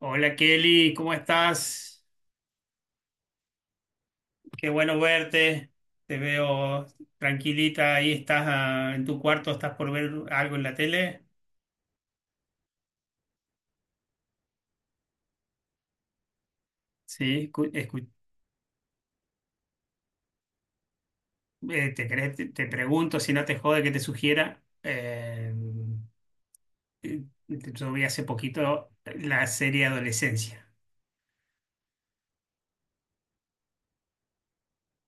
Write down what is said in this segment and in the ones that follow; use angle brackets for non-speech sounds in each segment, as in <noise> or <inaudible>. Hola Kelly, ¿cómo estás? Qué bueno verte. Te veo tranquilita, ahí estás en tu cuarto, estás por ver algo en la tele. Sí, cu- escu- Te pregunto si no te jode que te sugiera. Eh, yo vi hace poquito la serie Adolescencia.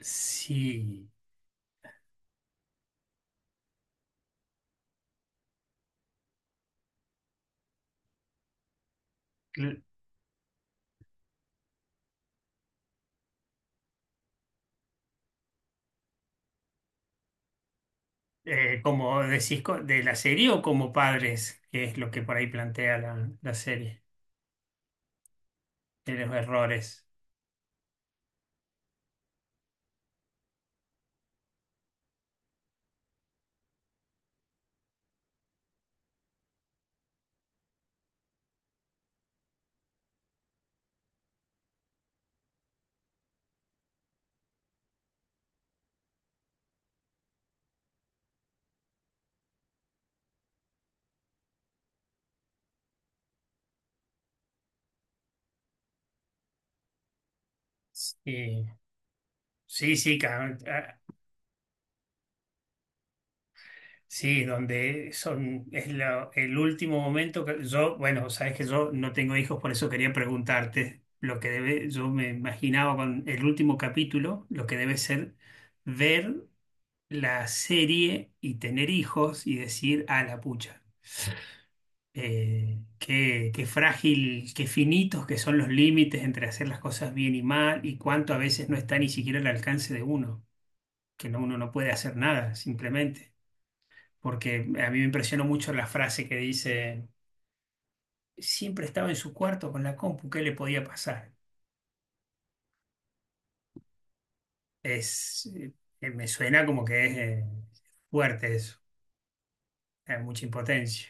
Sí, cl- ¿Como decís de la serie o como padres? Que es lo que por ahí plantea la, la serie, de los errores. Sí. Sí, sí, ca- ah, sí, donde son, es el último momento que yo, bueno, sabes que yo no tengo hijos, por eso quería preguntarte lo que debe, yo me imaginaba con el último capítulo, lo que debe ser ver la serie y tener hijos y decir, a la pucha, qué, qué frágil, qué finitos que son los límites entre hacer las cosas bien y mal, y cuánto a veces no está ni siquiera al alcance de uno, que no, uno no puede hacer nada, simplemente. Porque a mí me impresionó mucho la frase que dice, siempre estaba en su cuarto con la compu, ¿qué le podía pasar? Es, eh, Me suena como que es fuerte eso, hay mucha impotencia.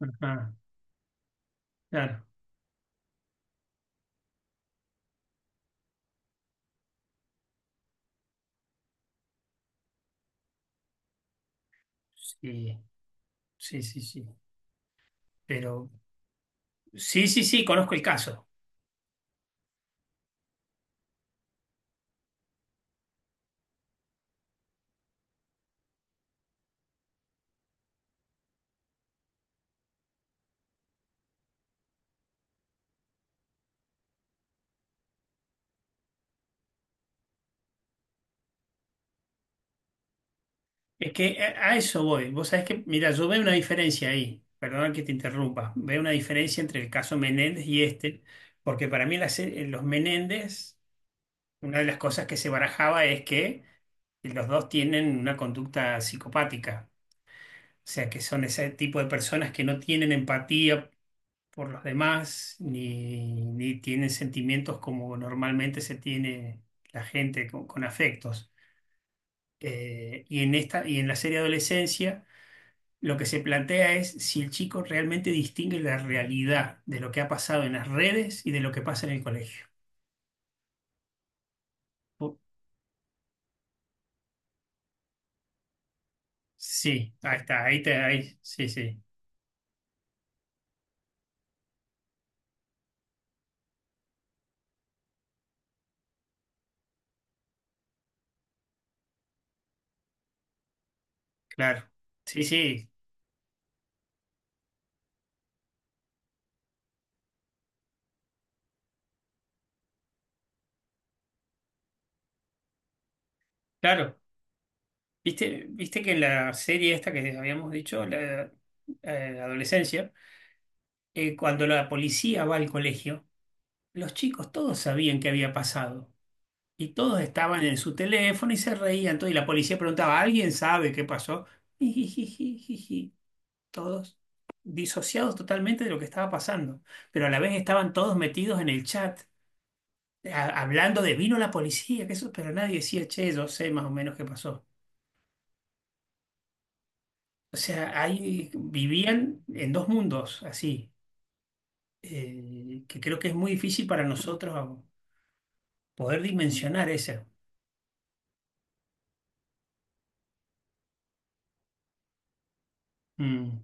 Ajá, claro, sí, sí, sí, sí. Pero sí, sí, sí, conozco el caso. Es que a eso voy. Vos sabés que, mira, yo veo una diferencia ahí, perdón que te interrumpa, veo una diferencia entre el caso Menéndez y este, porque para mí los Menéndez, una de las cosas que se barajaba es que los dos tienen una conducta psicopática, o sea, que son ese tipo de personas que no tienen empatía por los demás, ni, ni tienen sentimientos como normalmente se tiene la gente con afectos. Y en esta, y en la serie Adolescencia, lo que se plantea es si el chico realmente distingue la realidad de lo que ha pasado en las redes y de lo que pasa en el colegio. Pu- Sí, ahí está, ahí te, ahí, sí, sí. Claro, sí, sí, claro. Viste, viste que en la serie esta que habíamos dicho, la adolescencia, cuando la policía va al colegio, los chicos todos sabían qué había pasado y todos estaban en su teléfono y se reían. Todo, y la policía preguntaba, ¿alguien sabe qué pasó? Jijijijiji, todos disociados totalmente de lo que estaba pasando, pero a la vez estaban todos metidos en el chat, hablando de vino la policía, que eso, pero nadie decía, che, yo sé más o menos qué pasó. O sea, ahí vivían en dos mundos así, que creo que es muy difícil para nosotros poder dimensionar eso. Mm,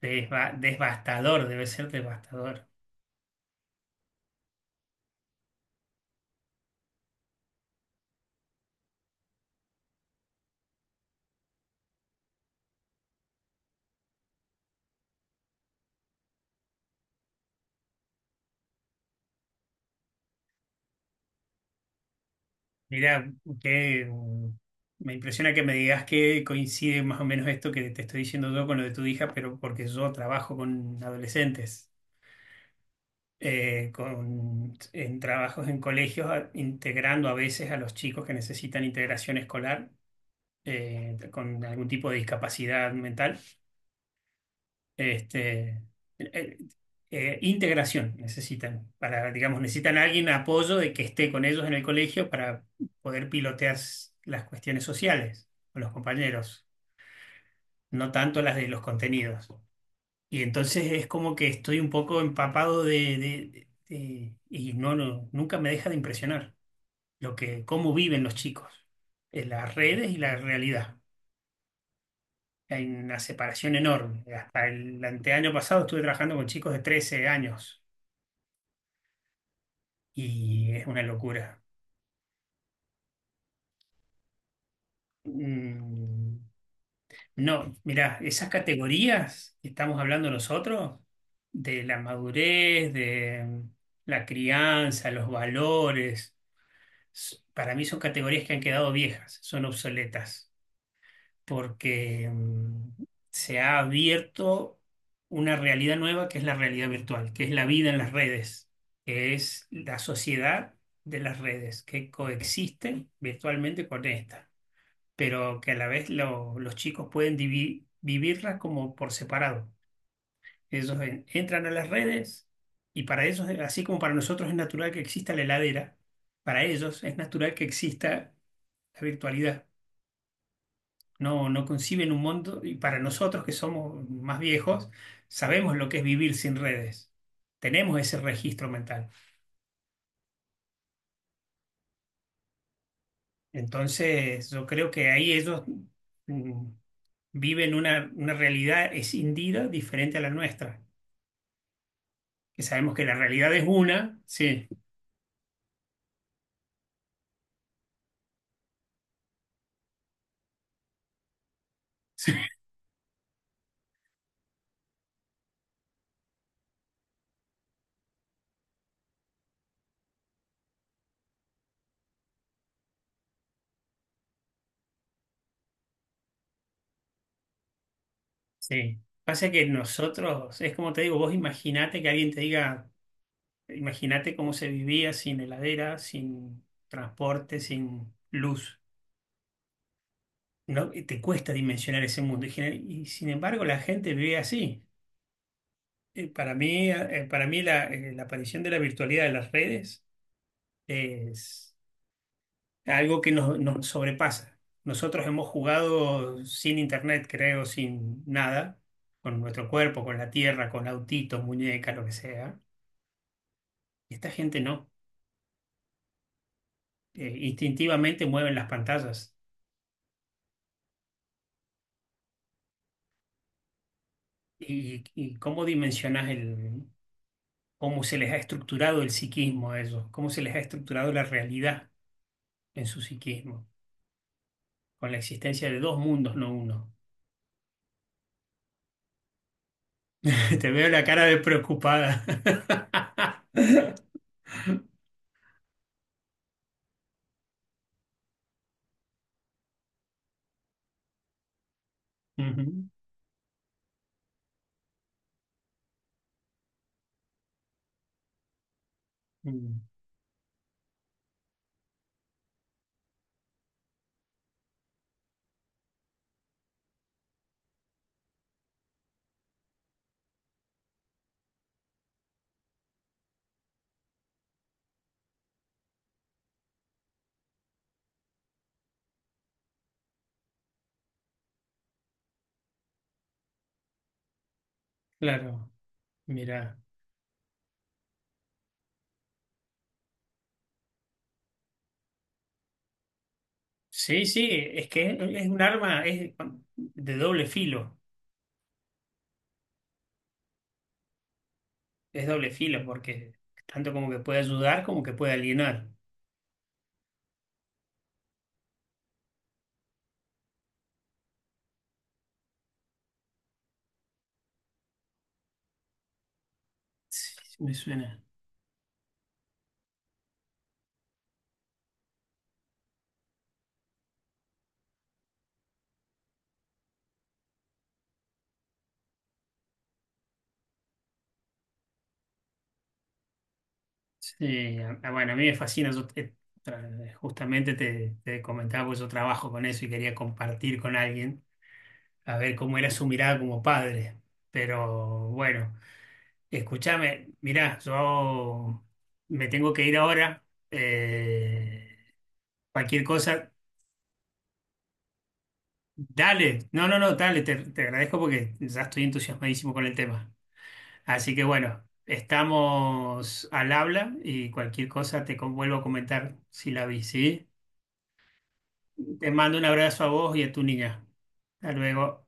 devastador, debe ser devastador. Mira, que me impresiona que me digas que coincide más o menos esto que te estoy diciendo yo con lo de tu hija, pero porque yo trabajo con adolescentes, con, en trabajos en colegios, integrando a veces a los chicos que necesitan integración escolar, con algún tipo de discapacidad mental, este, eh, integración necesitan, para, digamos, necesitan a alguien apoyo de que esté con ellos en el colegio para poder pilotear las cuestiones sociales con los compañeros, no tanto las de los contenidos. Y entonces es como que estoy un poco empapado de, y no, no, nunca me deja de impresionar lo que, cómo viven los chicos, en las redes y la realidad. Hay una separación enorme. Hasta el anteaño pasado estuve trabajando con chicos de 13 años y es una locura. Mm, no, mirá, esas categorías que estamos hablando nosotros, de la madurez, de la crianza, los valores, para mí son categorías que han quedado viejas, son obsoletas. Porque se ha abierto una realidad nueva que es la realidad virtual, que es la vida en las redes, que es la sociedad de las redes, que coexisten virtualmente con esta, pero que a la vez los chicos pueden vivirla como por separado. Ellos entran a las redes y para ellos, así como para nosotros es natural que exista la heladera, para ellos es natural que exista la virtualidad, no, no conciben un mundo, y para nosotros que somos más viejos, sabemos lo que es vivir sin redes, tenemos ese registro mental. Entonces, yo creo que ahí ellos mm, viven una realidad escindida diferente a la nuestra, que sabemos que la realidad es una, sí, sí. Pasa que nosotros, es como te digo, vos imaginate que alguien te diga, imagínate cómo se vivía sin heladera, sin transporte, sin luz. No, y te cuesta dimensionar ese mundo. Y, y sin embargo, la gente vive así. Para mí, ah, Para mí la, la aparición de la virtualidad de las redes es algo que nos, nos sobrepasa. Nosotros hemos jugado sin internet, creo, sin nada, con nuestro cuerpo, con la tierra, con autitos, muñecas, lo que sea. Y esta gente no. Instintivamente mueven las pantallas. Y cómo dimensionas el, cómo se les ha estructurado el psiquismo a ellos? ¿Cómo se les ha estructurado la realidad en su psiquismo, con la existencia de dos mundos, no uno? <laughs> Te veo la cara de preocupada. <laughs> Ujú, mm, claro, mira. Sí, sí, es que es un arma es de doble filo, es doble filo porque tanto como que puede ayudar como que puede alienar. Sí, me suena. Sí, bueno, a mí me fascina, yo justamente te, te comentaba, pues yo trabajo con eso y quería compartir con alguien a ver cómo era su mirada como padre. Pero bueno, escúchame, mirá, yo me tengo que ir ahora. eh, Cualquier cosa, dale. No, no, no, dale, te agradezco porque ya estoy entusiasmadísimo con el tema. Así que bueno, estamos al habla y cualquier cosa te vuelvo a comentar si la vi, ¿sí? Te mando un abrazo a vos y a tu niña. Hasta luego.